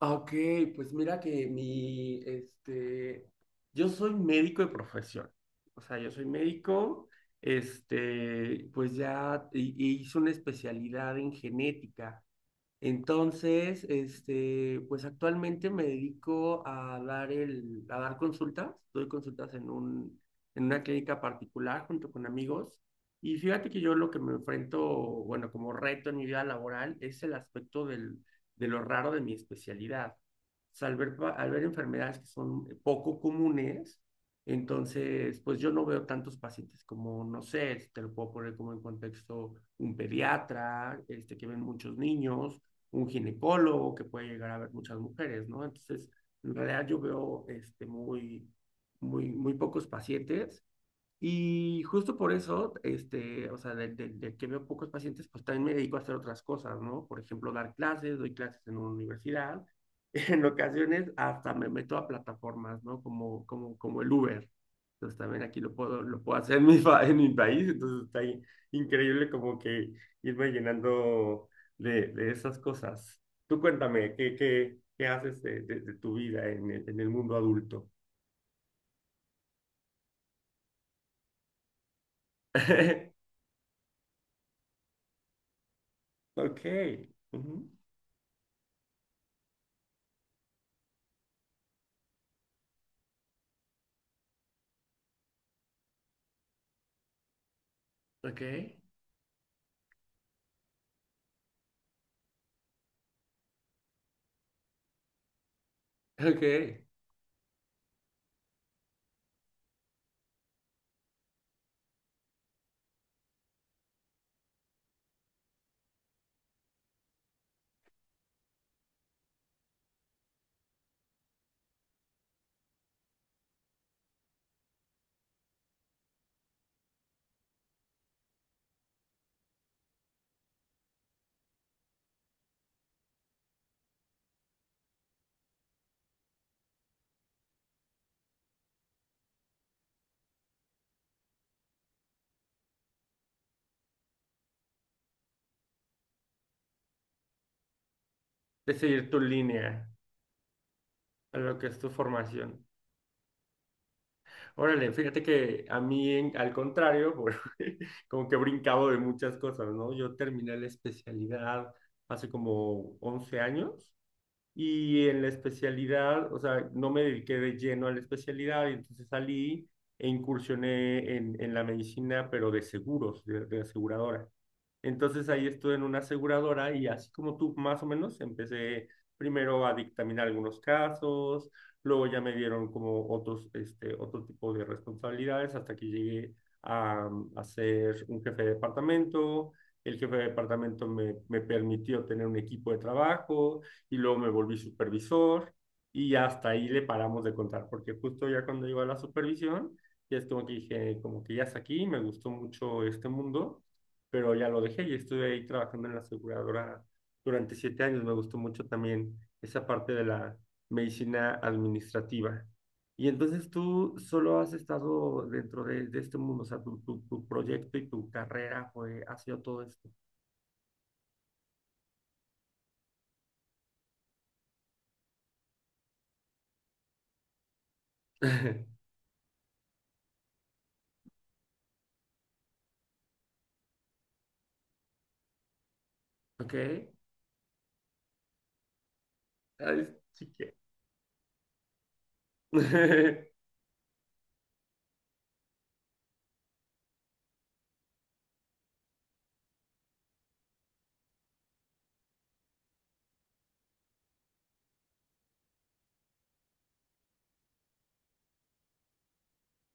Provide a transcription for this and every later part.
Ah, Ok, pues mira que yo soy médico de profesión. O sea, yo soy médico. Pues ya hice una especialidad en genética. Entonces, pues actualmente me dedico a a dar consultas, doy consultas en una clínica particular junto con amigos. Y fíjate que yo lo que me enfrento, bueno, como reto en mi vida laboral es el aspecto de lo raro de mi especialidad. O sea, al ver enfermedades que son poco comunes. Entonces, pues yo no veo tantos pacientes como, no sé, si te lo puedo poner como en contexto, un pediatra, que ven muchos niños, un ginecólogo que puede llegar a ver muchas mujeres, ¿no? Entonces, en realidad yo veo muy, muy, muy pocos pacientes. Y justo por eso, o sea, de que veo pocos pacientes, pues también me dedico a hacer otras cosas, ¿no? Por ejemplo, dar clases, doy clases en una universidad. En ocasiones hasta me meto a plataformas, ¿no? Como el Uber. Entonces también aquí lo puedo hacer en mi país. Entonces está increíble como que irme llenando de esas cosas. Tú cuéntame, ¿qué haces de tu vida en el mundo adulto? Ok. Ujú. Ok, ok. Es seguir tu línea, a lo que es tu formación. Órale, fíjate que a mí, al contrario, bueno, como que he brincado de muchas cosas, ¿no? Yo terminé la especialidad hace como 11 años. Y en la especialidad, o sea, no me dediqué de lleno a la especialidad, y entonces salí e incursioné en la medicina, pero de seguros, de aseguradora. Entonces ahí estuve en una aseguradora y así como tú, más o menos, empecé primero a dictaminar algunos casos, luego ya me dieron como otros, otro tipo de responsabilidades hasta que llegué a, a ser un jefe de departamento. El jefe de departamento me permitió tener un equipo de trabajo y luego me volví supervisor y hasta ahí le paramos de contar, porque justo ya cuando iba a la supervisión, ya es como que dije, como que ya es aquí, me gustó mucho este mundo, pero ya lo dejé y estuve ahí trabajando en la aseguradora durante 7 años. Me gustó mucho también esa parte de la medicina administrativa. Y entonces tú solo has estado dentro de este mundo, o sea, tu proyecto y tu carrera fue, ha sido todo esto. ¿Ok? Ay, chique.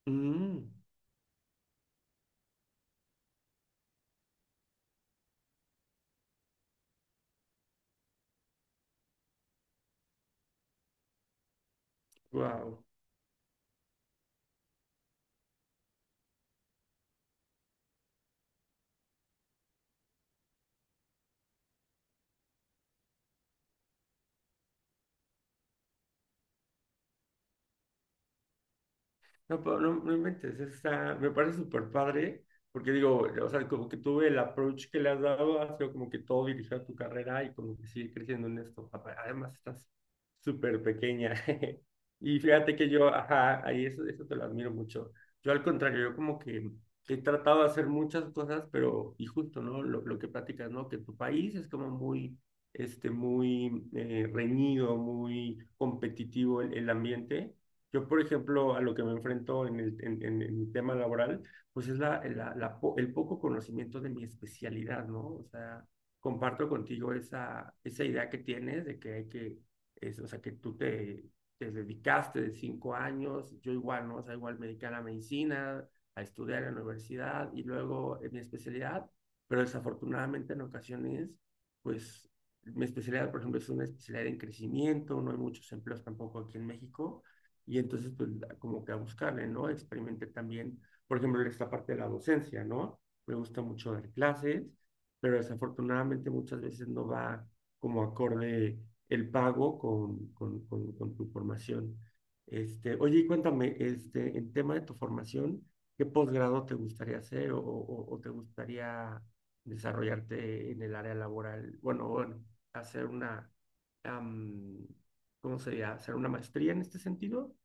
Mm, wow. No, no, no inventes, eso está, me parece súper padre, porque digo, o sea, como que tuve el approach que le has dado, ha sido como que todo dirigido a tu carrera y como que sigue creciendo en esto. Además, estás súper pequeña. Y fíjate que yo, ajá, ahí eso, eso te lo admiro mucho. Yo al contrario, yo como que he tratado de hacer muchas cosas, pero, y justo, ¿no? Lo que platicas, ¿no? Que tu país es como muy, muy reñido, muy competitivo el ambiente. Yo, por ejemplo, a lo que me enfrento en el, en mi tema laboral, pues es el poco conocimiento de mi especialidad, ¿no? O sea, comparto contigo esa idea que tienes de que hay que, es, o sea, que te dedicaste de 5 años, yo igual, ¿no? O sea, igual me dediqué a la medicina, a estudiar en la universidad y luego en mi especialidad, pero desafortunadamente en ocasiones, pues mi especialidad, por ejemplo, es una especialidad en crecimiento, no hay muchos empleos tampoco aquí en México. Y entonces, pues como que a buscarle, ¿no? Experimenté también, por ejemplo, esta parte de la docencia, ¿no? Me gusta mucho dar clases, pero desafortunadamente muchas veces no va como acorde el pago con tu formación. Oye, y cuéntame, en tema de tu formación, ¿qué posgrado te gustaría hacer o te gustaría desarrollarte en el área laboral? Bueno, bueno, hacer um, ¿cómo sería? ¿Hacer una maestría en este sentido?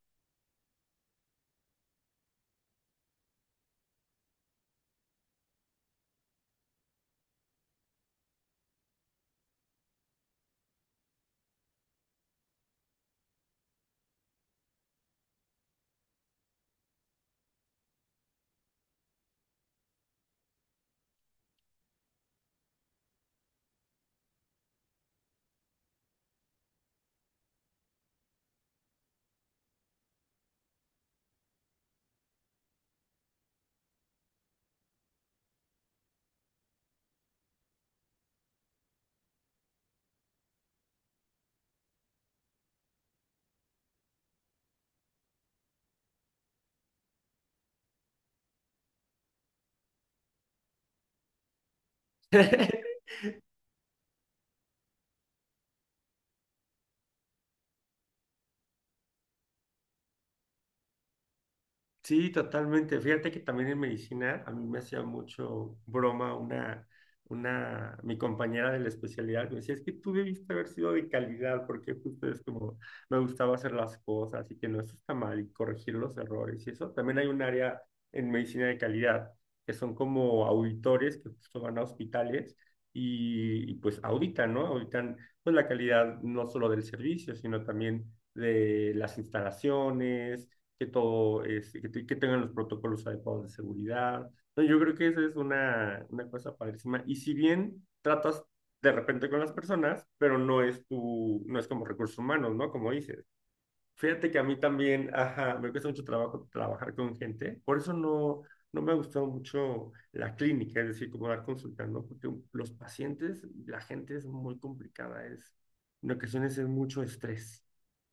Sí, totalmente. Fíjate que también en medicina a mí me hacía mucho broma una, mi compañera de la especialidad me decía, es que tú debiste haber sido de calidad porque justo es como me gustaba hacer las cosas y que no, eso está mal y corregir los errores y eso. También hay un área en medicina de calidad que son como auditores que justo van a hospitales y pues auditan, ¿no? Auditan pues la calidad no solo del servicio, sino también de las instalaciones que todo, es, que, te- que tengan los protocolos adecuados de seguridad. Entonces, yo creo que esa es una cosa padrísima. Y si bien tratas de repente con las personas, pero no es como recursos humanos, ¿no? Como dices. Fíjate que a mí también, ajá, me cuesta mucho trabajo trabajar con gente, por eso no, no me ha gustado mucho la clínica, es decir, como dar consultas, ¿no? Porque los pacientes, la gente es muy complicada, es, en ocasiones es mucho estrés.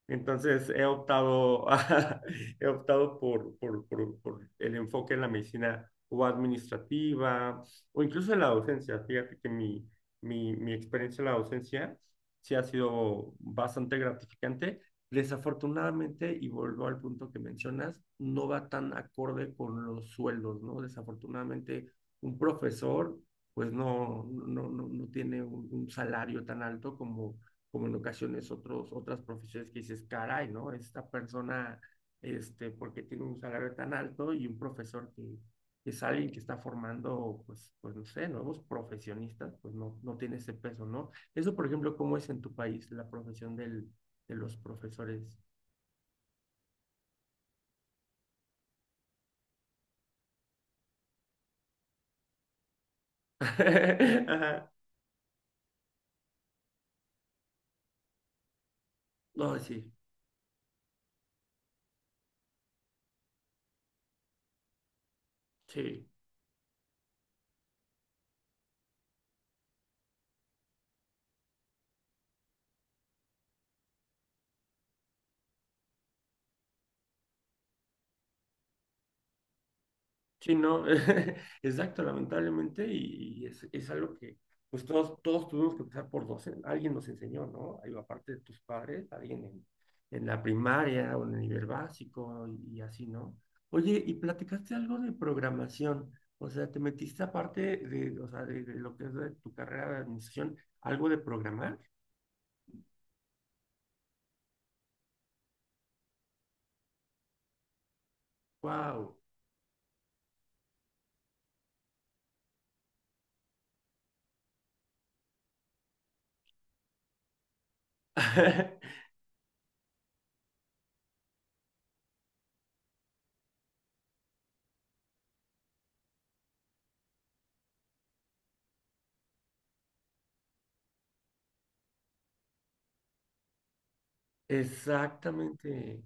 Entonces he optado, he optado por el enfoque en la medicina o administrativa o incluso en la docencia. Fíjate que mi experiencia en la docencia sí ha sido bastante gratificante. Desafortunadamente, y vuelvo al punto que mencionas, no va tan acorde con los sueldos, ¿no? Desafortunadamente, un profesor pues no, no, no, no no tiene un salario tan alto como en ocasiones otras profesiones que dices, caray, ¿no? Esta persona, porque tiene un salario tan alto y un profesor que es alguien que está formando, pues, no sé, nuevos profesionistas, pues no, no tiene ese peso, ¿no? Eso, por ejemplo, ¿cómo es en tu país la profesión de los profesores? Ajá. No, sí, sí. Sí, no, exacto, lamentablemente, y es algo que pues todos tuvimos que pasar por 12, alguien nos enseñó, ¿no? Algo aparte de tus padres, alguien en la primaria o en el nivel básico y así, ¿no? Oye, y platicaste algo de programación, o sea, te metiste aparte de, o sea, de lo que es de tu carrera de administración, algo de programar, wow. Exactamente.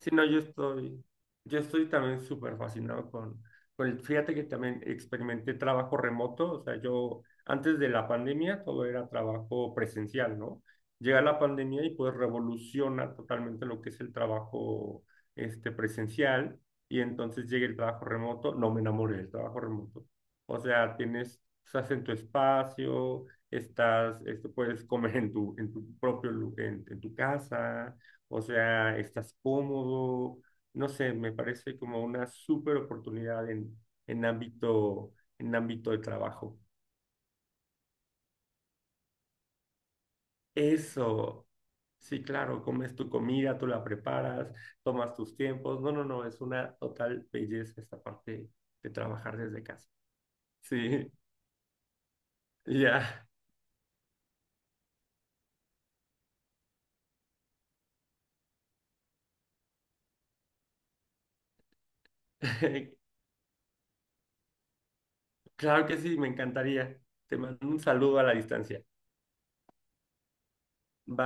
Sí, no, yo estoy también súper fascinado fíjate que también experimenté trabajo remoto, o sea, yo antes de la pandemia todo era trabajo presencial, ¿no? Llega la pandemia y pues revoluciona totalmente lo que es el trabajo presencial y entonces llega el trabajo remoto, no me enamoré del trabajo remoto, o sea, tienes, estás en tu espacio, puedes comer en tu propio, lu- en tu casa, o sea, estás cómodo. No sé, me parece como una súper oportunidad en ámbito de trabajo. Eso, sí, claro, comes tu comida, tú la preparas, tomas tus tiempos. No, no, no, es una total belleza esta parte de trabajar desde casa. Sí, ya. Claro que sí, me encantaría. Te mando un saludo a la distancia. Bye.